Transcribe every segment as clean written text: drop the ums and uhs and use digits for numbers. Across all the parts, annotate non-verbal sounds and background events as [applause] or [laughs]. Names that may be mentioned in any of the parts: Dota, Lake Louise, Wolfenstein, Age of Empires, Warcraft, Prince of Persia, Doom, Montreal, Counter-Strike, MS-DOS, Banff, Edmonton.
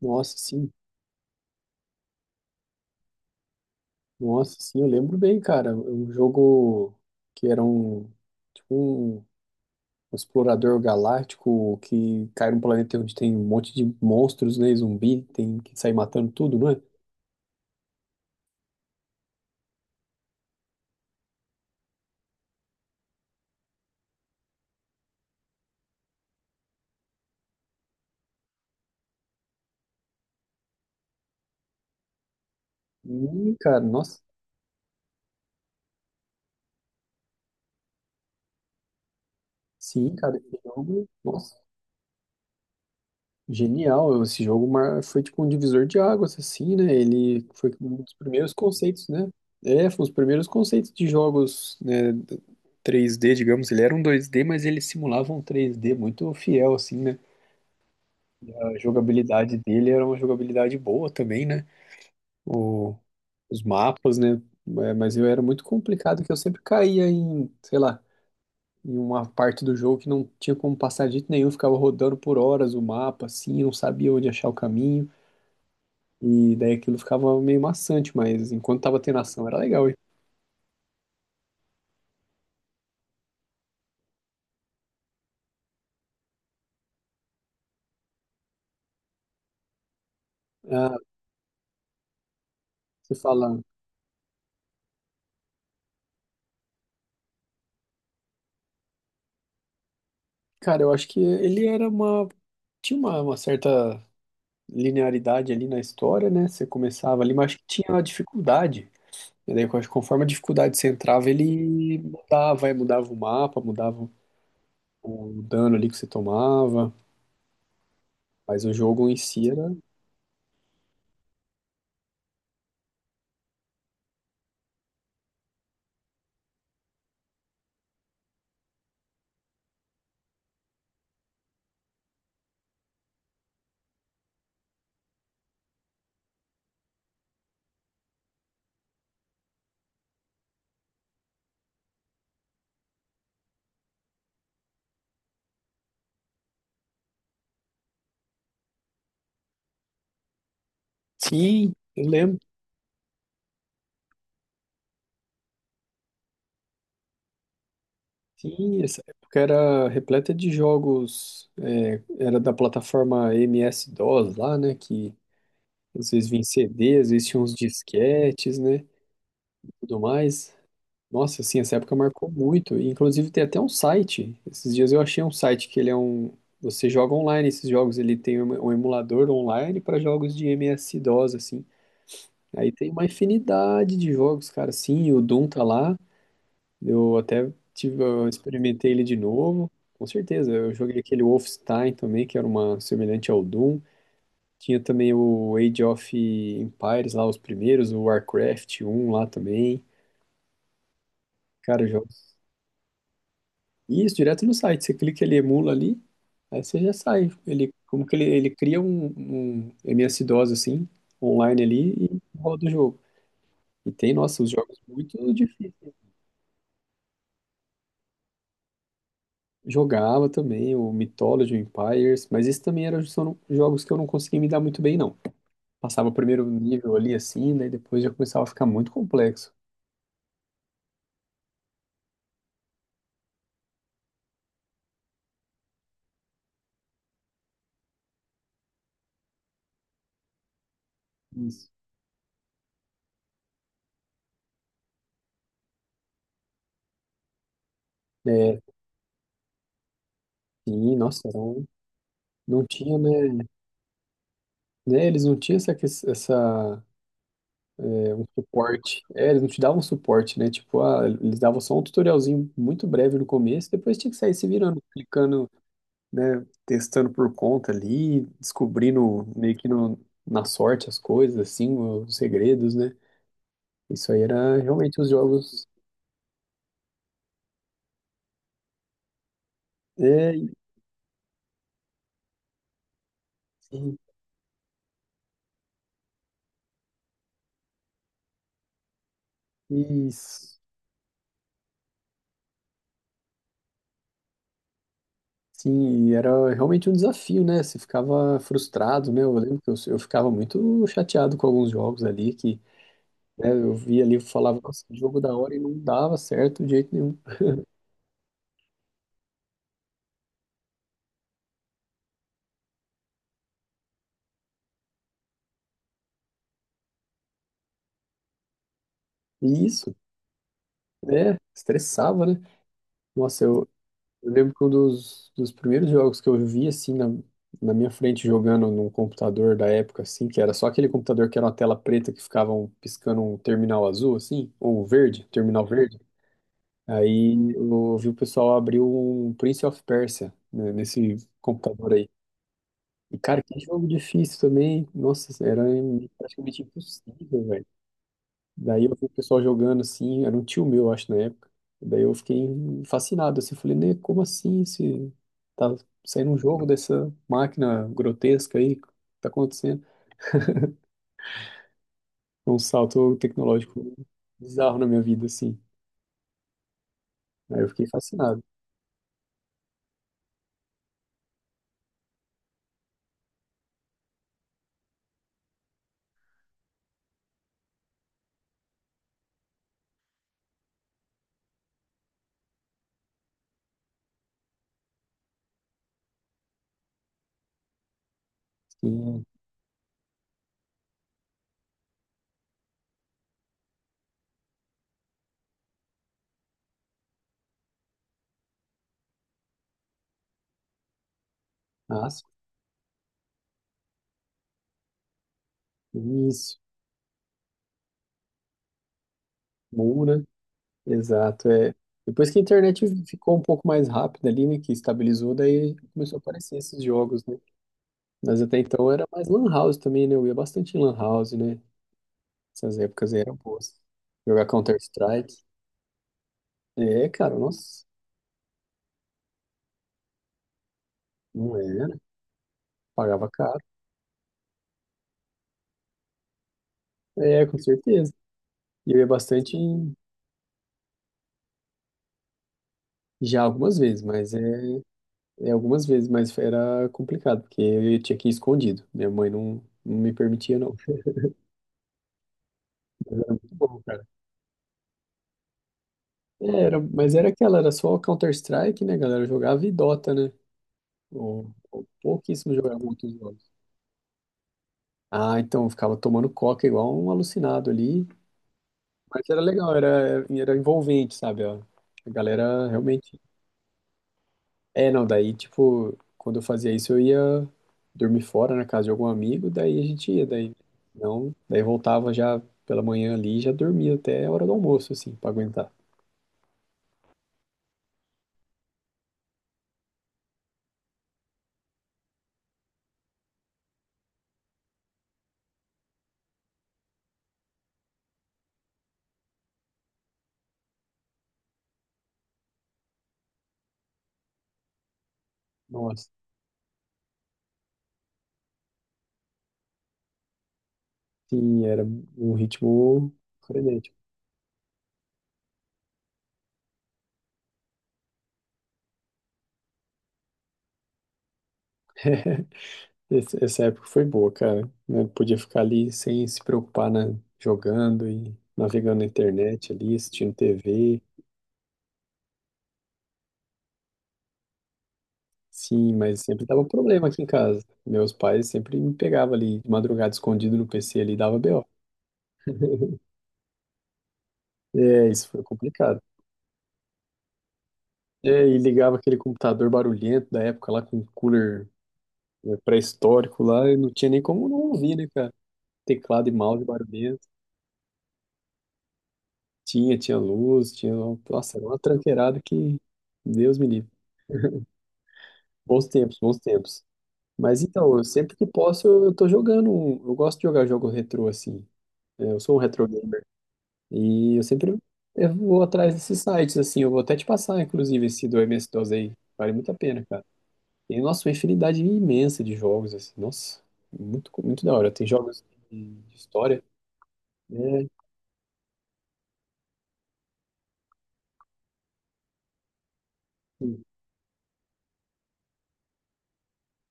Nossa, sim. Nossa, sim, eu lembro bem, cara. Um jogo que era um explorador galáctico que cai num planeta onde tem um monte de monstros, né? Zumbi, tem que sair matando tudo, não é? Ih, cara, nossa. Sim, cara, esse jogo, nossa. Genial, foi tipo um divisor de águas, assim, né? Ele foi um dos primeiros conceitos, né? É, foi um dos primeiros conceitos de jogos, 3D, digamos. Ele era um 2D, mas ele simulava um 3D muito fiel, assim, né? E a jogabilidade dele era uma jogabilidade boa também, né? O- os mapas, né? É, mas eu era muito complicado, que eu sempre caía em, sei lá, em uma parte do jogo que não tinha como passar de jeito nenhum, ficava rodando por horas o mapa, assim, não sabia onde achar o caminho. E daí aquilo ficava meio maçante, mas enquanto tava tendo ação era legal, hein? Ah, você fala, cara, eu acho que ele era uma. Tinha uma certa linearidade ali na história, né? Você começava ali, mas acho que tinha uma dificuldade. E daí, eu acho que conforme a dificuldade você entrava, ele mudava, aí mudava o mapa, mudava o dano ali que você tomava. Mas o jogo em si era. Sim, eu lembro. Sim, essa época era repleta de jogos, é, era da plataforma MS-DOS lá, né, que às vezes vinha em CD, às vezes tinha uns disquetes, né, tudo mais. Nossa, assim, essa época marcou muito. E inclusive tem até um site, esses dias eu achei um site que ele é um... Você joga online esses jogos, ele tem um emulador online para jogos de MS-DOS, assim. Aí tem uma infinidade de jogos, cara, sim, o Doom tá lá. Eu até tive, eu experimentei ele de novo, com certeza. Eu joguei aquele Wolfenstein também, que era uma semelhante ao Doom. Tinha também o Age of Empires lá, os primeiros, o Warcraft um lá também. Cara, jogos. Isso, direto no site. Você clica, ele emula ali, aí você já sai. Ele, como que ele cria um, um MS-DOS assim, online ali, e roda o jogo. E tem, nossa, os jogos muito difíceis. Jogava também o Mythology, o Empires, mas esses também jogos que eu não conseguia me dar muito bem, não. Passava o primeiro nível ali assim, daí depois já começava a ficar muito complexo. Isso. É, sim, nossa, não, não tinha, né, né? Eles não tinham essa, essa, é, um suporte. É, eles não te davam suporte, né? Tipo, ah, eles davam só um tutorialzinho muito breve no começo, depois tinha que sair se virando, clicando, né? Testando por conta ali, descobrindo meio que no, na sorte as coisas, assim, os segredos, né? Isso aí era realmente os jogos. É, e, e- sim, e era realmente um desafio, né? Você ficava frustrado, né? Eu lembro que eu ficava muito chateado com alguns jogos ali, que, né, eu via ali e falava, nossa, que jogo da hora e não dava certo de jeito nenhum. E isso, né? Estressava, né? Nossa, eu lembro que um dos, dos primeiros jogos que eu vi, assim, na, na minha frente, jogando num computador da época, assim, que era só aquele computador que era uma tela preta que ficava piscando um terminal azul, assim, ou um verde, terminal verde. Aí eu vi o pessoal abrir um Prince of Persia, né, nesse computador aí. E, cara, que jogo difícil também. Nossa, era praticamente impossível. Daí eu vi o pessoal jogando assim, era um tio meu, acho, na época. Daí eu fiquei fascinado, assim, falei, né, como assim se tá saindo um jogo dessa máquina grotesca aí, o que tá acontecendo? Foi um salto tecnológico bizarro na minha vida, assim. Aí eu fiquei fascinado. Assim, nossa, isso, Moura, exato, é. Depois que a internet ficou um pouco mais rápida ali, né, que estabilizou, daí começou a aparecer esses jogos, né? Mas até então era mais lan house também, né? Eu ia bastante em lan house, né? Essas épocas aí eram boas. Jogar Counter-Strike. É, cara, nossa, não era. Pagava caro. É, com certeza. E eu ia bastante em- já algumas vezes, mas é, é algumas vezes, mas era complicado, porque eu tinha que ir escondido. Minha mãe não, não me permitia, não. Mas era muito bom, cara. É, era, mas era aquela, era só Counter-Strike, né, galera? Eu jogava e Dota, né? Ou pouquíssimo jogava outros jogos. Ah, então eu ficava tomando coca igual um alucinado ali. Mas era legal, era, era envolvente, sabe? Ó. A galera realmente. É, não, daí, tipo, quando eu fazia isso, eu ia dormir fora na casa de algum amigo, daí a gente ia, daí não, daí voltava já pela manhã ali, e já dormia até a hora do almoço, assim, pra aguentar. Nossa, sim, era um ritmo frenético. [laughs] Essa época foi boa, cara. Eu podia ficar ali sem se preocupar, né? Jogando e navegando na internet ali, assistindo TV. Sim, mas sempre dava problema aqui em casa. Meus pais sempre me pegavam ali de madrugada escondido no PC ali e dava BO. [laughs] É, isso foi complicado. É, e ligava aquele computador barulhento da época lá com cooler, né, pré-histórico lá, e não tinha nem como não ouvir, né, cara? Teclado e mouse barulhento. Tinha, tinha luz, tinha. Nossa, era uma tranqueirada que. Deus me livre. Bons tempos, bons tempos. Mas então, eu sempre que posso, eu tô jogando. Eu gosto de jogar jogo retrô assim. É, eu sou um retro. E eu sempre eu vou atrás desses sites, assim, eu vou até te passar, inclusive, esse do MS-DOS aí. Vale muito a pena, cara. Tem, nossa, uma infinidade imensa de jogos, assim, nossa, muito, muito da hora. Tem jogos de história, né?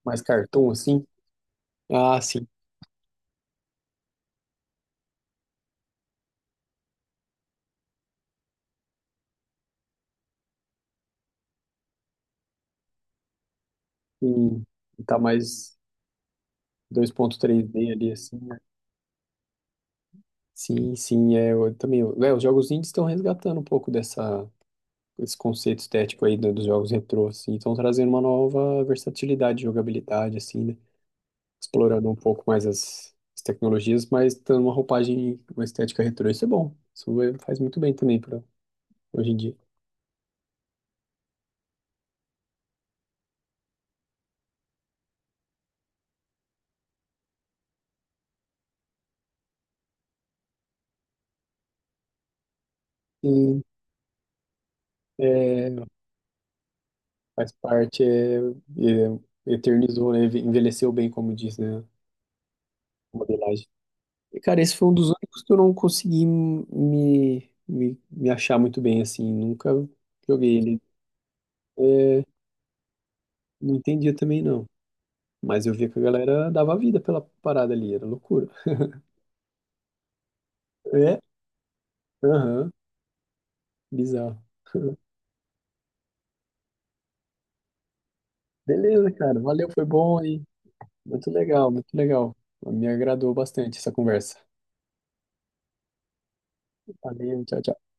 Mais cartoon, assim. Ah, sim. Sim. Tá mais dois ponto três d ali, assim, né? Sim, sim, é, eu também. É, os jogos indies estão resgatando um pouco dessa, esse conceito estético aí dos jogos retrô, assim, estão trazendo uma nova versatilidade, jogabilidade, assim, né? Explorando um pouco mais as tecnologias, mas dando uma roupagem, uma estética retrô. Isso é bom. Faz muito bem também para hoje em dia. Sim, é, faz parte, é, é, eternizou, né? Envelheceu bem, como diz, né? A modelagem. E, cara, esse foi um dos únicos que eu não consegui me achar muito bem, assim. Nunca joguei ele. É, não entendia também, não. Mas eu via que a galera dava vida pela parada ali, era loucura. É, aham, bizarro. Beleza, cara. Valeu, foi bom aí. Muito legal, muito legal. Me agradou bastante essa conversa. Valeu, tchau, tchau.